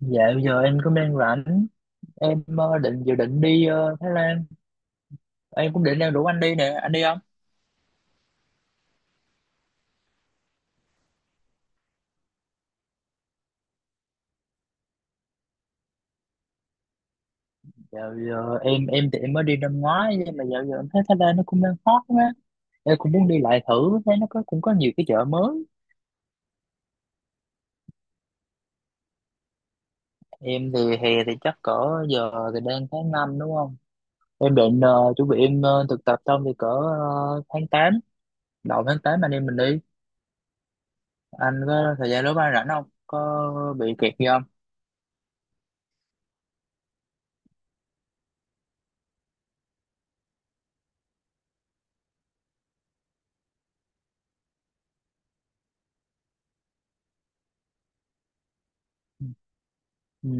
Dạ, bây giờ em cũng đang rảnh. Em dự định đi Thái Lan. Em cũng định đang rủ anh đi nè. Anh đi không? Dạ, bây giờ em thì em mới đi năm ngoái. Nhưng mà dạo giờ em thấy Thái Lan nó cũng đang hot quá. Em cũng muốn đi lại thử. Thấy nó cũng có nhiều cái chợ mới. Em thì hè thì chắc cỡ, giờ thì đang tháng năm, đúng không? Em định chuẩn bị em thực tập xong thì cỡ tháng tám. Đầu tháng 8 anh em mình đi. Anh có thời gian lúc anh rảnh không? Có bị kẹt gì? Ừ.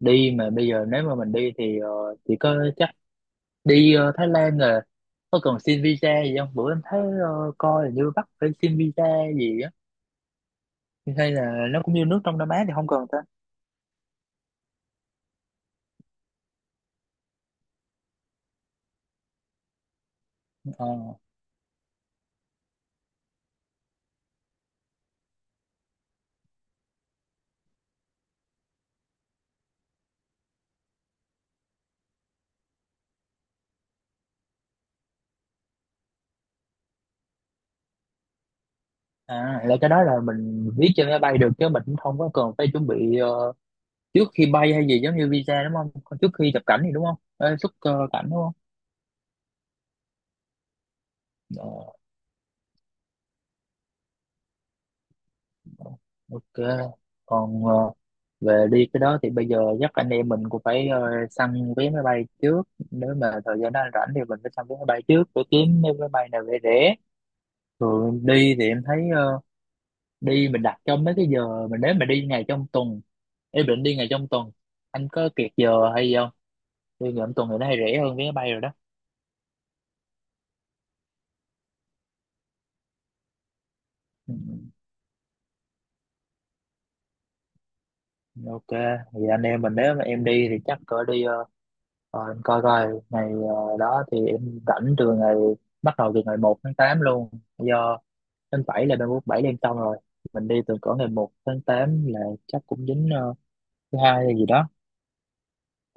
Đi mà bây giờ nếu mà mình đi thì chỉ có chắc đi Thái Lan rồi, có cần xin visa gì không? Bữa em thấy coi là như bắt phải xin visa gì á. Hay là nó cũng như nước trong Đông Nam Á thì không cần ta. Ờ. À, là cái đó là mình viết trên máy bay được chứ mình cũng không có cần phải chuẩn bị trước khi bay hay gì, giống như visa, đúng không? Còn trước khi nhập cảnh thì đúng không? Ờ, Xuất cảnh đúng không? Ờ. Ok, còn về đi cái đó thì bây giờ chắc anh em mình cũng phải săn vé máy bay trước. Nếu mà thời gian đó anh rảnh thì mình phải săn vé máy bay trước để kiếm mấy máy bay nào rẻ rẻ. Thường đi thì em thấy đi mình đặt trong mấy cái giờ mình, nếu mà đi ngày trong tuần. Em định đi ngày trong tuần. Anh có kiệt giờ hay gì không? Đi ngày trong tuần thì nó hay rẻ hơn vé máy bay rồi đó. Ừ, ok, thì anh em mình nếu mà em đi thì chắc cỡ đi rồi em coi coi ngày đó thì em rảnh từ ngày, bắt đầu từ ngày 1 tháng 8 luôn. Do tháng 7 là 37 đêm xong rồi. Mình đi từ cỡ ngày 1 tháng 8 là chắc cũng dính thứ hai hay gì đó,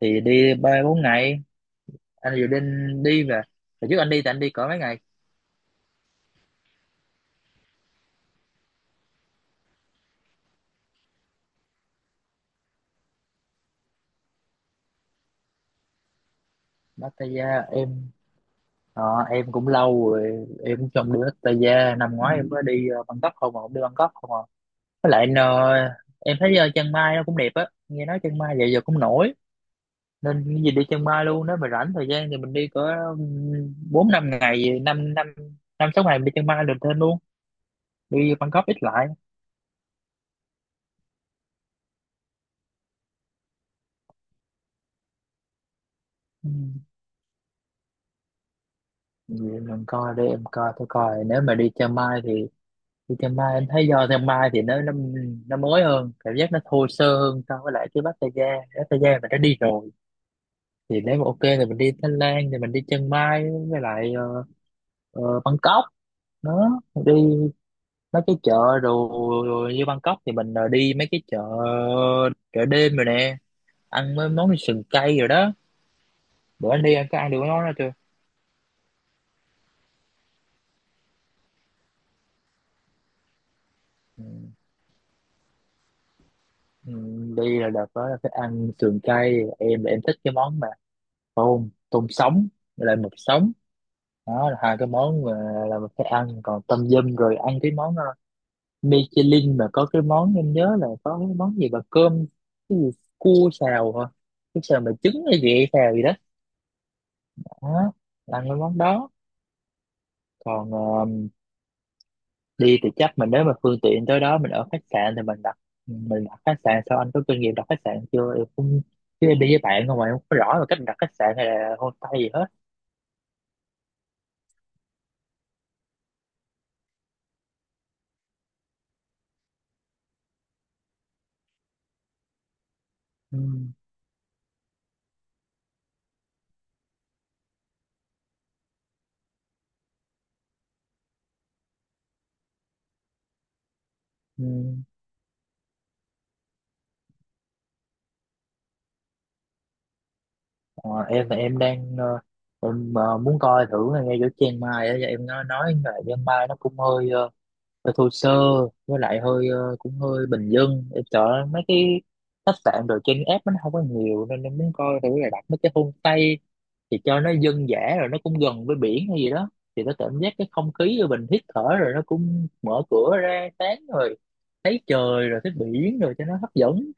thì đi ba bốn ngày. Anh dự định đi về? Hồi trước anh đi thì anh đi cỡ mấy ngày? Pattaya, ờ, em cũng lâu rồi em cũng không đi Pattaya. Năm ngoái em mới đi Bangkok không mà, không đi Bangkok không à. Với lại anh, em thấy Chiang Mai nó cũng đẹp á. Nghe nói Chiang Mai giờ giờ cũng nổi, nên cái gì đi chân Mai luôn. Nếu mà rảnh thời gian thì mình đi cỡ bốn năm ngày, năm năm, năm sáu ngày mình đi chân Mai được thêm luôn, đi Bangkok ít lại. Ừ. Vậy mình coi, để em coi tôi coi nếu mà đi Chiang Mai thì đi Chiang Mai em thấy do Chiang Mai thì nó mới hơn, cảm giác nó thô sơ hơn so với lại cái Pattaya. Pattaya mình đã đi rồi, thì nếu mà ok thì mình đi Thái Lan thì mình đi Chiang Mai, với lại Bangkok đó. Đi mấy cái chợ, rồi như Bangkok thì mình đi mấy cái chợ, chợ đêm rồi nè, ăn mấy món như sườn cay rồi đó. Bữa anh đi anh có ăn được cái món đó chưa? Ừ. Ừ, đi là đợt đó là phải ăn sườn cay. Em là em thích cái món mà tôm tôm sống với lại mực sống. Đó là hai cái món mà là mình phải ăn. Còn tâm dâm rồi ăn cái món Michelin mà có cái món, em nhớ là có cái món gì mà cơm, cái gì, cua xào hả, cái xào mà trứng hay gì xào gì đó, đó. Là ăn cái món đó. Còn đi thì chắc mình, nếu mà phương tiện tới đó mình ở khách sạn thì mình đặt, mình đặt khách sạn sao? Anh có kinh nghiệm đặt khách sạn chưa? Em cũng, chứ em đi với bạn không mà em không có rõ là cách đặt khách sạn hay là homestay gì hết. Ừ. Ừ. Ờ, em thì em đang muốn coi thử ngay chỗ Chiang Mai á. Em nó nói là Chiang Mai nó cũng hơi hơi thô sơ, với lại hơi cũng hơi bình dân. Em sợ mấy cái khách sạn rồi trên app nó không có nhiều, nên em muốn coi thử là đặt mấy cái homestay thì cho nó dân dã, rồi nó cũng gần với biển hay gì đó, thì nó cảm giác cái không khí rồi mình hít thở, rồi nó cũng mở cửa ra sáng rồi thấy trời rồi thấy biển rồi cho nó hấp dẫn.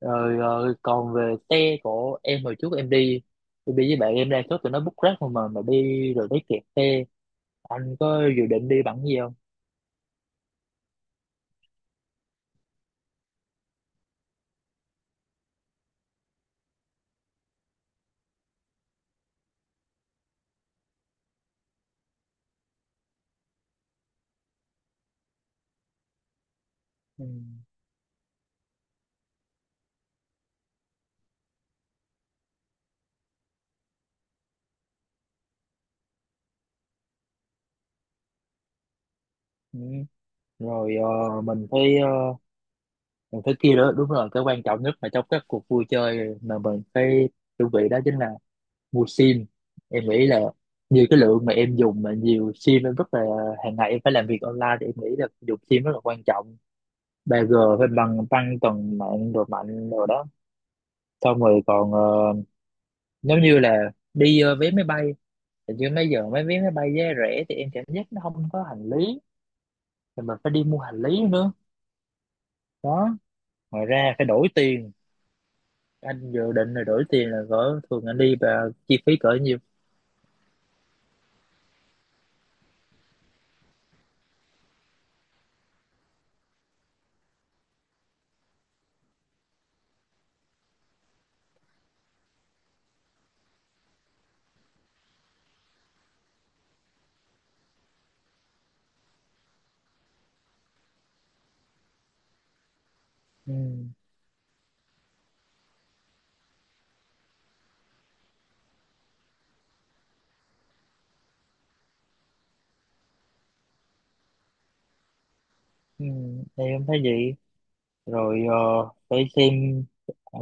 Rồi, còn về xe của em, hồi trước em đi, em đi với bạn em, đa số tụi nó book Grab không mà đi rồi thấy kẹt xe. Anh có dự định đi bằng cái gì không? Ừ. Ừ. Rồi mình thấy mình thấy kia đó đúng rồi, cái quan trọng nhất mà trong các cuộc vui chơi mà mình phải chuẩn bị đó chính là mua sim. Em nghĩ là nhiều cái lượng mà em dùng mà nhiều sim em rất là, hàng ngày em phải làm việc online thì em nghĩ là dùng sim rất là quan trọng. 3G phải bằng tăng tuần mạng rồi mạnh rồi đó. Xong rồi còn nếu như là đi vé máy bay thì như mấy giờ mấy vé máy bay giá rẻ thì em cảm giác nó không có hành lý, thì mình phải đi mua hành lý nữa đó. Ngoài ra phải đổi tiền. Anh dự định là đổi tiền là cỡ, thường anh đi và chi phí cỡ nhiêu? Ừ, ừ, em thấy vậy. Rồi phải xem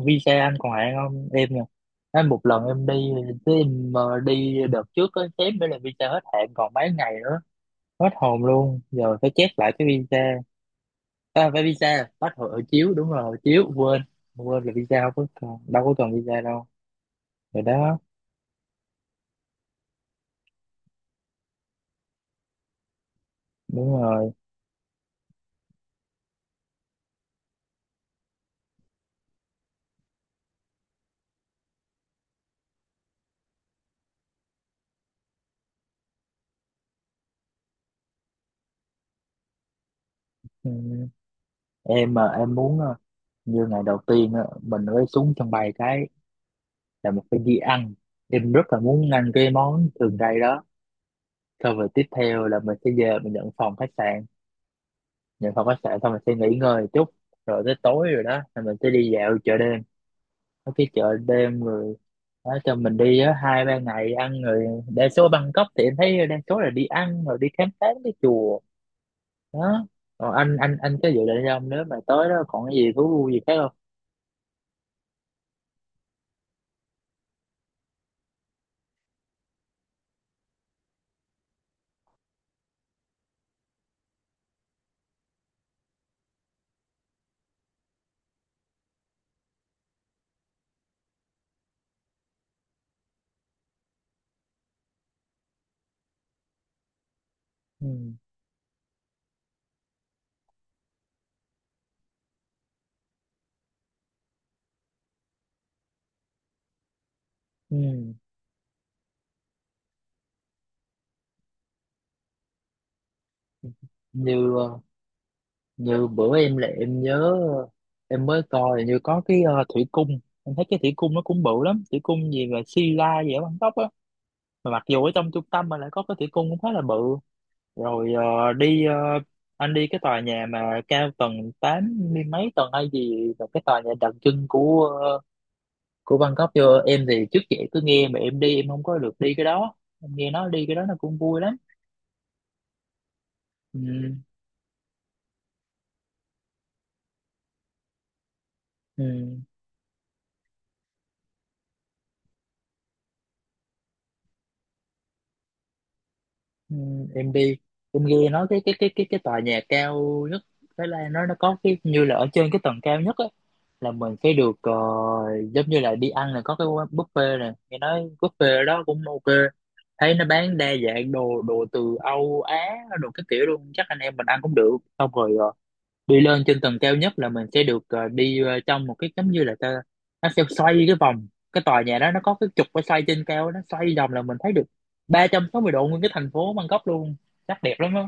visa anh còn hạn không em nha. Anh một lần em đi, cái em đi đợt trước á xém nữa là visa hết hạn còn mấy ngày nữa. Hết hồn luôn, giờ phải chép lại cái visa. À, phải visa bắt hộ hộ chiếu đúng rồi, hộ chiếu quên, quên là visa không có cần đâu, có cần visa đâu. Rồi đó, đúng rồi. Ừ. Em em muốn như ngày đầu tiên á, mình mới xuống sân bay cái là mình phải đi ăn. Em rất là muốn ăn cái món thường đây đó. Xong rồi tiếp theo là mình sẽ về mình nhận phòng khách sạn. Nhận phòng khách sạn xong mình sẽ nghỉ ngơi chút. Rồi tới tối rồi đó là mình sẽ đi dạo chợ đêm. Có cái chợ đêm rồi đó, cho mình đi á, hai ba ngày ăn. Rồi đa số Bangkok thì em thấy đa số là đi ăn rồi đi khám phá cái chùa đó. Còn anh có dự định không, nếu mà tới đó còn cái gì thú vui gì khác không? Ừ. Ừ. Như như bữa em là em nhớ, ờ, em mới coi như có cái thủy cung. Em thấy cái thủy cung nó cũng bự lắm, thủy cung gì mà Sila la gì ở Bangkok á. Mà mặc dù ở trong trung tâm mà lại có cái thủy cung cũng khá là bự. Rồi anh đi cái tòa nhà mà cao tầng 80 mấy tầng hay gì là cái tòa nhà đặc trưng của của Bangkok chưa? Em thì trước vậy cứ nghe mà em đi, em không có được đi cái đó. Em nghe nói đi cái đó nó cũng vui lắm. Ừ, ừ. Ừ, em đi em nghe nói cái tòa nhà cao nhất Thái Lan nó có cái như là ở trên cái tầng cao nhất á, là mình sẽ được giống như là đi ăn, là có cái quán buffet nè. Nghe nói buffet ở đó cũng ok, thấy nó bán đa dạng đồ đồ từ Âu Á, đồ cái kiểu luôn, chắc anh em mình ăn cũng được. Xong rồi đi lên trên tầng cao nhất là mình sẽ được đi trong một cái giống như là ta, nó sẽ xoay cái vòng. Cái tòa nhà đó nó có cái trục phải xoay trên cao, nó xoay vòng là mình thấy được 360° nguyên cái thành phố Bangkok luôn. Chắc đẹp lắm á.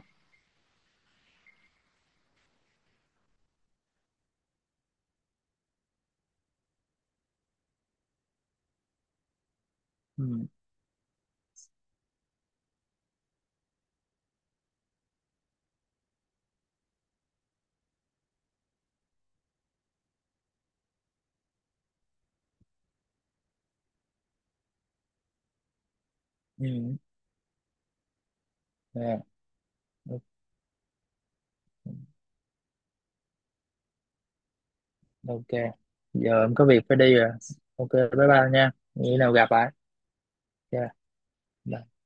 Ừ. Ừ. Dạ. Ok, giờ em có việc phải đi rồi. Ok, bye bye nha, nghĩ nào gặp lại. Dạ. Bye.